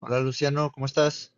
Hola Luciano, ¿cómo estás?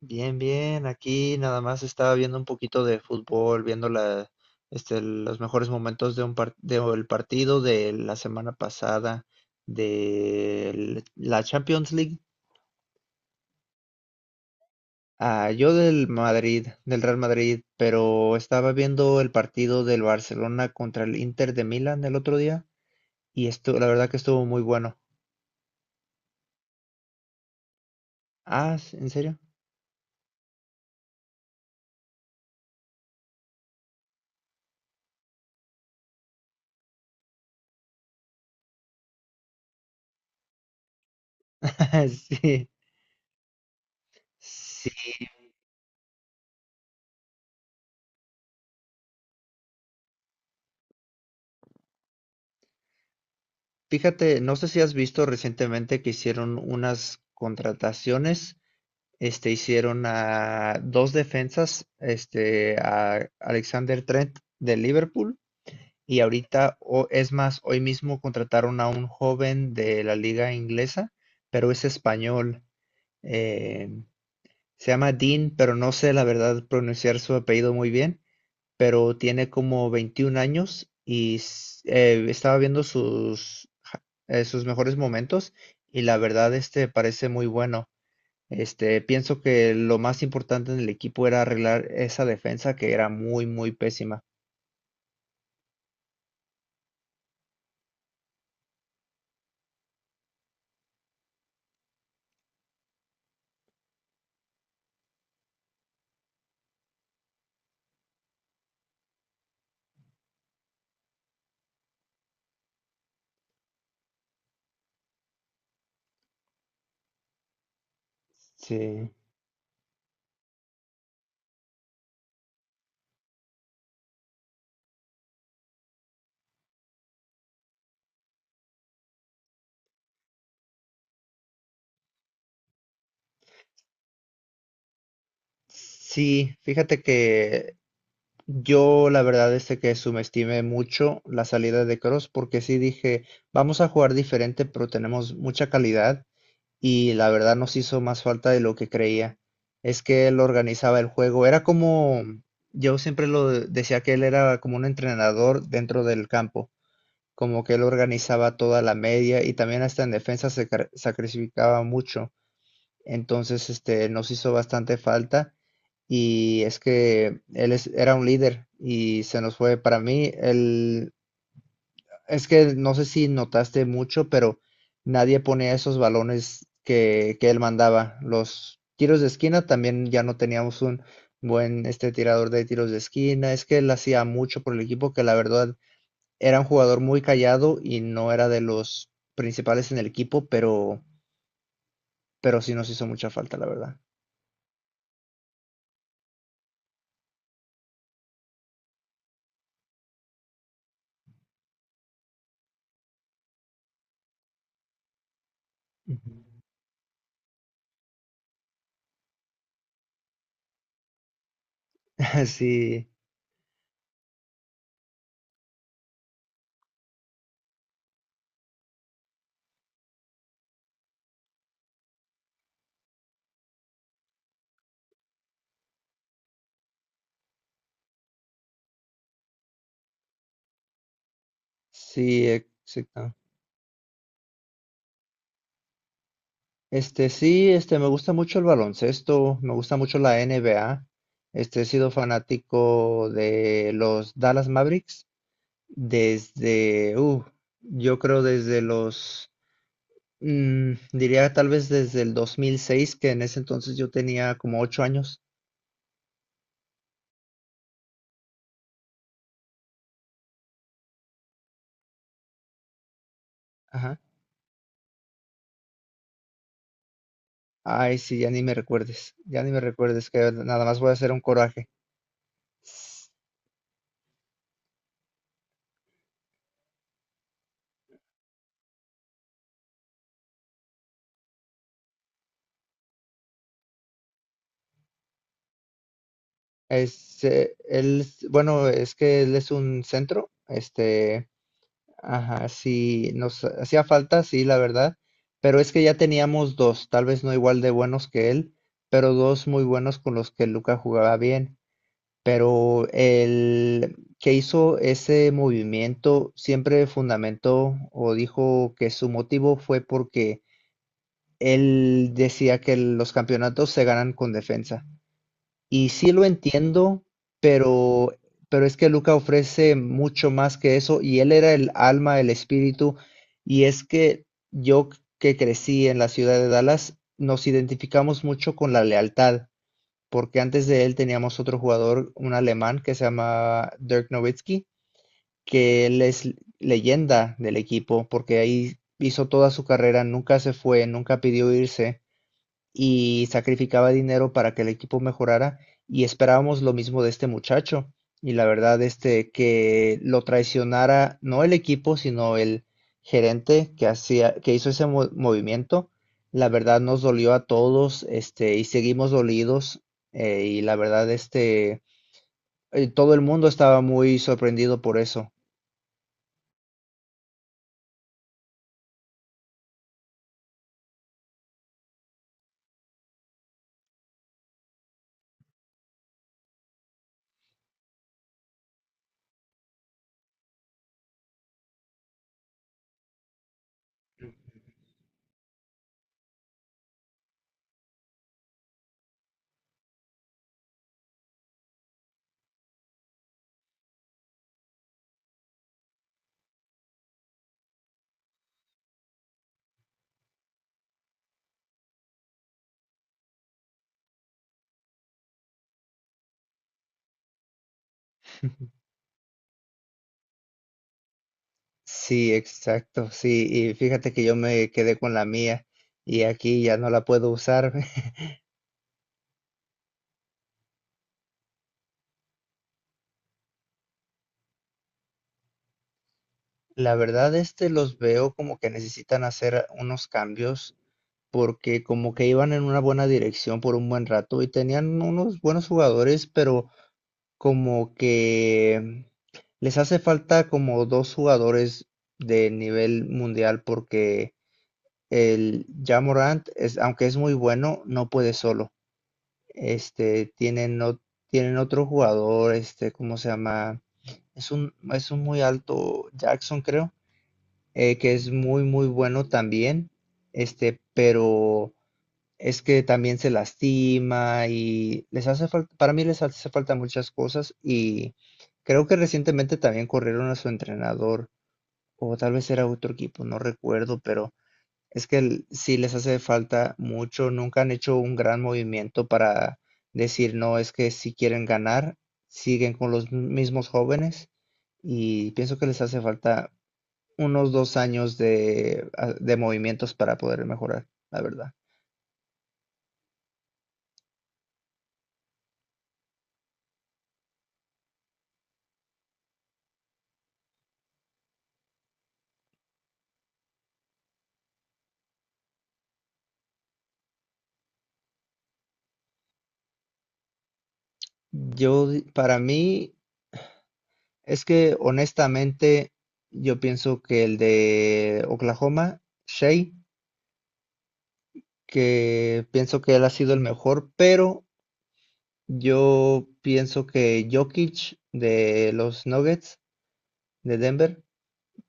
Bien, bien. Aquí nada más estaba viendo un poquito de fútbol, viendo los mejores momentos de del partido de la semana pasada de la Champions League. Ah, yo del Madrid, del Real Madrid, pero estaba viendo el partido del Barcelona contra el Inter de Milán el otro día y esto, la verdad que estuvo muy bueno. Ah, ¿en serio? Sí. Sí, fíjate, no sé si has visto recientemente que hicieron unas contrataciones, hicieron a dos defensas, a Alexander Trent de Liverpool y ahorita, o, es más, hoy mismo contrataron a un joven de la liga inglesa, pero es español, eh, se llama Dean, pero no sé la verdad pronunciar su apellido muy bien, pero tiene como 21 años y estaba viendo sus mejores momentos y la verdad este parece muy bueno. Pienso que lo más importante en el equipo era arreglar esa defensa que era muy, muy pésima. Sí. Sí, fíjate que yo la verdad es de que subestimé mucho la salida de Cross porque sí dije, vamos a jugar diferente, pero tenemos mucha calidad y la verdad nos hizo más falta de lo que creía. Es que él organizaba el juego. Era como, yo siempre lo decía que él era como un entrenador dentro del campo, como que él organizaba toda la media y también hasta en defensa se sacrificaba mucho. Entonces, nos hizo bastante falta y es que él era un líder y se nos fue. Para mí, él es que no sé si notaste mucho, pero nadie ponía esos balones que él mandaba. Los tiros de esquina también ya no teníamos un buen tirador de tiros de esquina. Es que él hacía mucho por el equipo, que la verdad era un jugador muy callado y no era de los principales en el equipo, pero sí nos hizo mucha falta, la verdad. Ujú. Sí, sí, exacto. Este sí, me gusta mucho el baloncesto, me gusta mucho la NBA. He sido fanático de los Dallas Mavericks desde, yo creo desde diría tal vez desde el 2006, que en ese entonces yo tenía como 8 años. Ajá. Ay, sí, ya ni me recuerdes, ya ni me recuerdes, que nada más voy a hacer un coraje. Es, bueno, es que él es un centro, ajá, sí, nos hacía falta, sí, la verdad, pero es que ya teníamos dos, tal vez no igual de buenos que él, pero dos muy buenos con los que Luca jugaba bien. Pero el que hizo ese movimiento siempre fundamentó o dijo que su motivo fue porque él decía que los campeonatos se ganan con defensa. Y sí lo entiendo, pero, pero es que Luca ofrece mucho más que eso y él era el alma, el espíritu, y es que yo que crecí en la ciudad de Dallas, nos identificamos mucho con la lealtad, porque antes de él teníamos otro jugador, un alemán que se llama Dirk Nowitzki, que él es leyenda del equipo, porque ahí hizo toda su carrera, nunca se fue, nunca pidió irse y sacrificaba dinero para que el equipo mejorara y esperábamos lo mismo de este muchacho. Y la verdad, que lo traicionara no el equipo, sino el gerente que hizo ese movimiento, la verdad nos dolió a todos, y seguimos dolidos, y la verdad, todo el mundo estaba muy sorprendido por eso. Sí, exacto, sí, y fíjate que yo me quedé con la mía y aquí ya no la puedo usar. La verdad, los veo como que necesitan hacer unos cambios porque como que iban en una buena dirección por un buen rato y tenían unos buenos jugadores, pero como que les hace falta como 2 jugadores de nivel mundial porque el Ja Morant es, aunque es muy bueno, no puede solo. Este, tienen, o- Tienen otro jugador, ¿cómo se llama? Es un muy alto Jackson, creo, que es muy, muy bueno también, pero es que también se lastima y les hace falta, para mí les hace falta muchas cosas y creo que recientemente también corrieron a su entrenador o tal vez era otro equipo, no recuerdo, pero es que sí les hace falta mucho, nunca han hecho un gran movimiento para decir, no, es que si quieren ganar, siguen con los mismos jóvenes y pienso que les hace falta unos 2 años de, de movimientos para poder mejorar, la verdad. Para mí, es que honestamente, yo pienso que el de Oklahoma, Shea, que pienso que él ha sido el mejor, pero yo pienso que Jokic de los Nuggets de Denver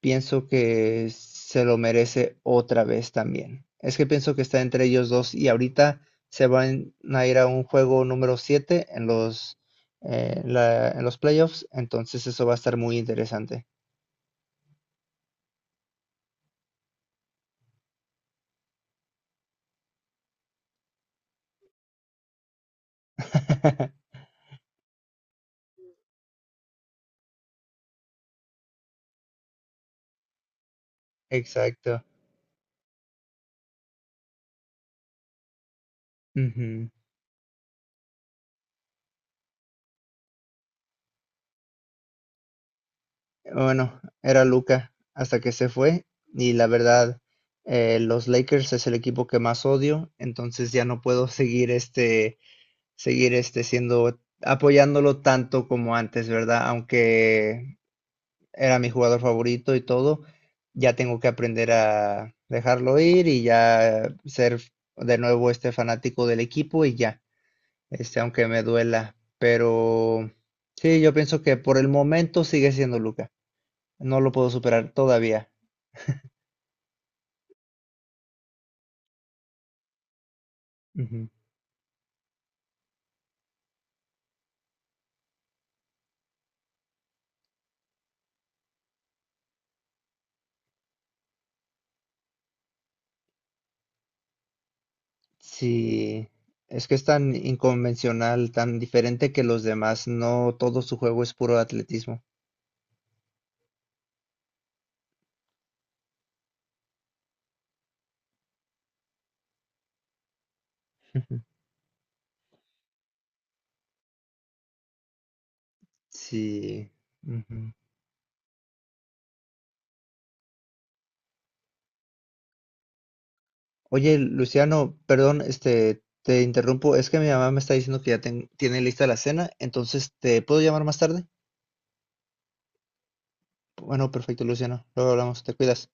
pienso que se lo merece otra vez también. Es que pienso que está entre ellos 2 y ahorita se van a ir a un juego número 7 en en los playoffs, entonces eso va a estar muy interesante. Exacto. Ujú. Bueno, era Luca hasta que se fue y la verdad, los Lakers es el equipo que más odio, entonces ya no puedo seguir siendo apoyándolo tanto como antes, ¿verdad? Aunque era mi jugador favorito y todo, ya tengo que aprender a dejarlo ir y ya ser de nuevo fanático del equipo y ya, aunque me duela, pero sí, yo pienso que por el momento sigue siendo Luca, no lo puedo superar todavía. Ujú. Sí, es que es tan inconvencional, tan diferente que los demás, no todo su juego es puro atletismo. Sí. Ujú. Oye, Luciano, perdón, te interrumpo. Es que mi mamá me está diciendo que ya tiene lista la cena, entonces, ¿te puedo llamar más tarde? Bueno, perfecto, Luciano. Luego hablamos, te cuidas.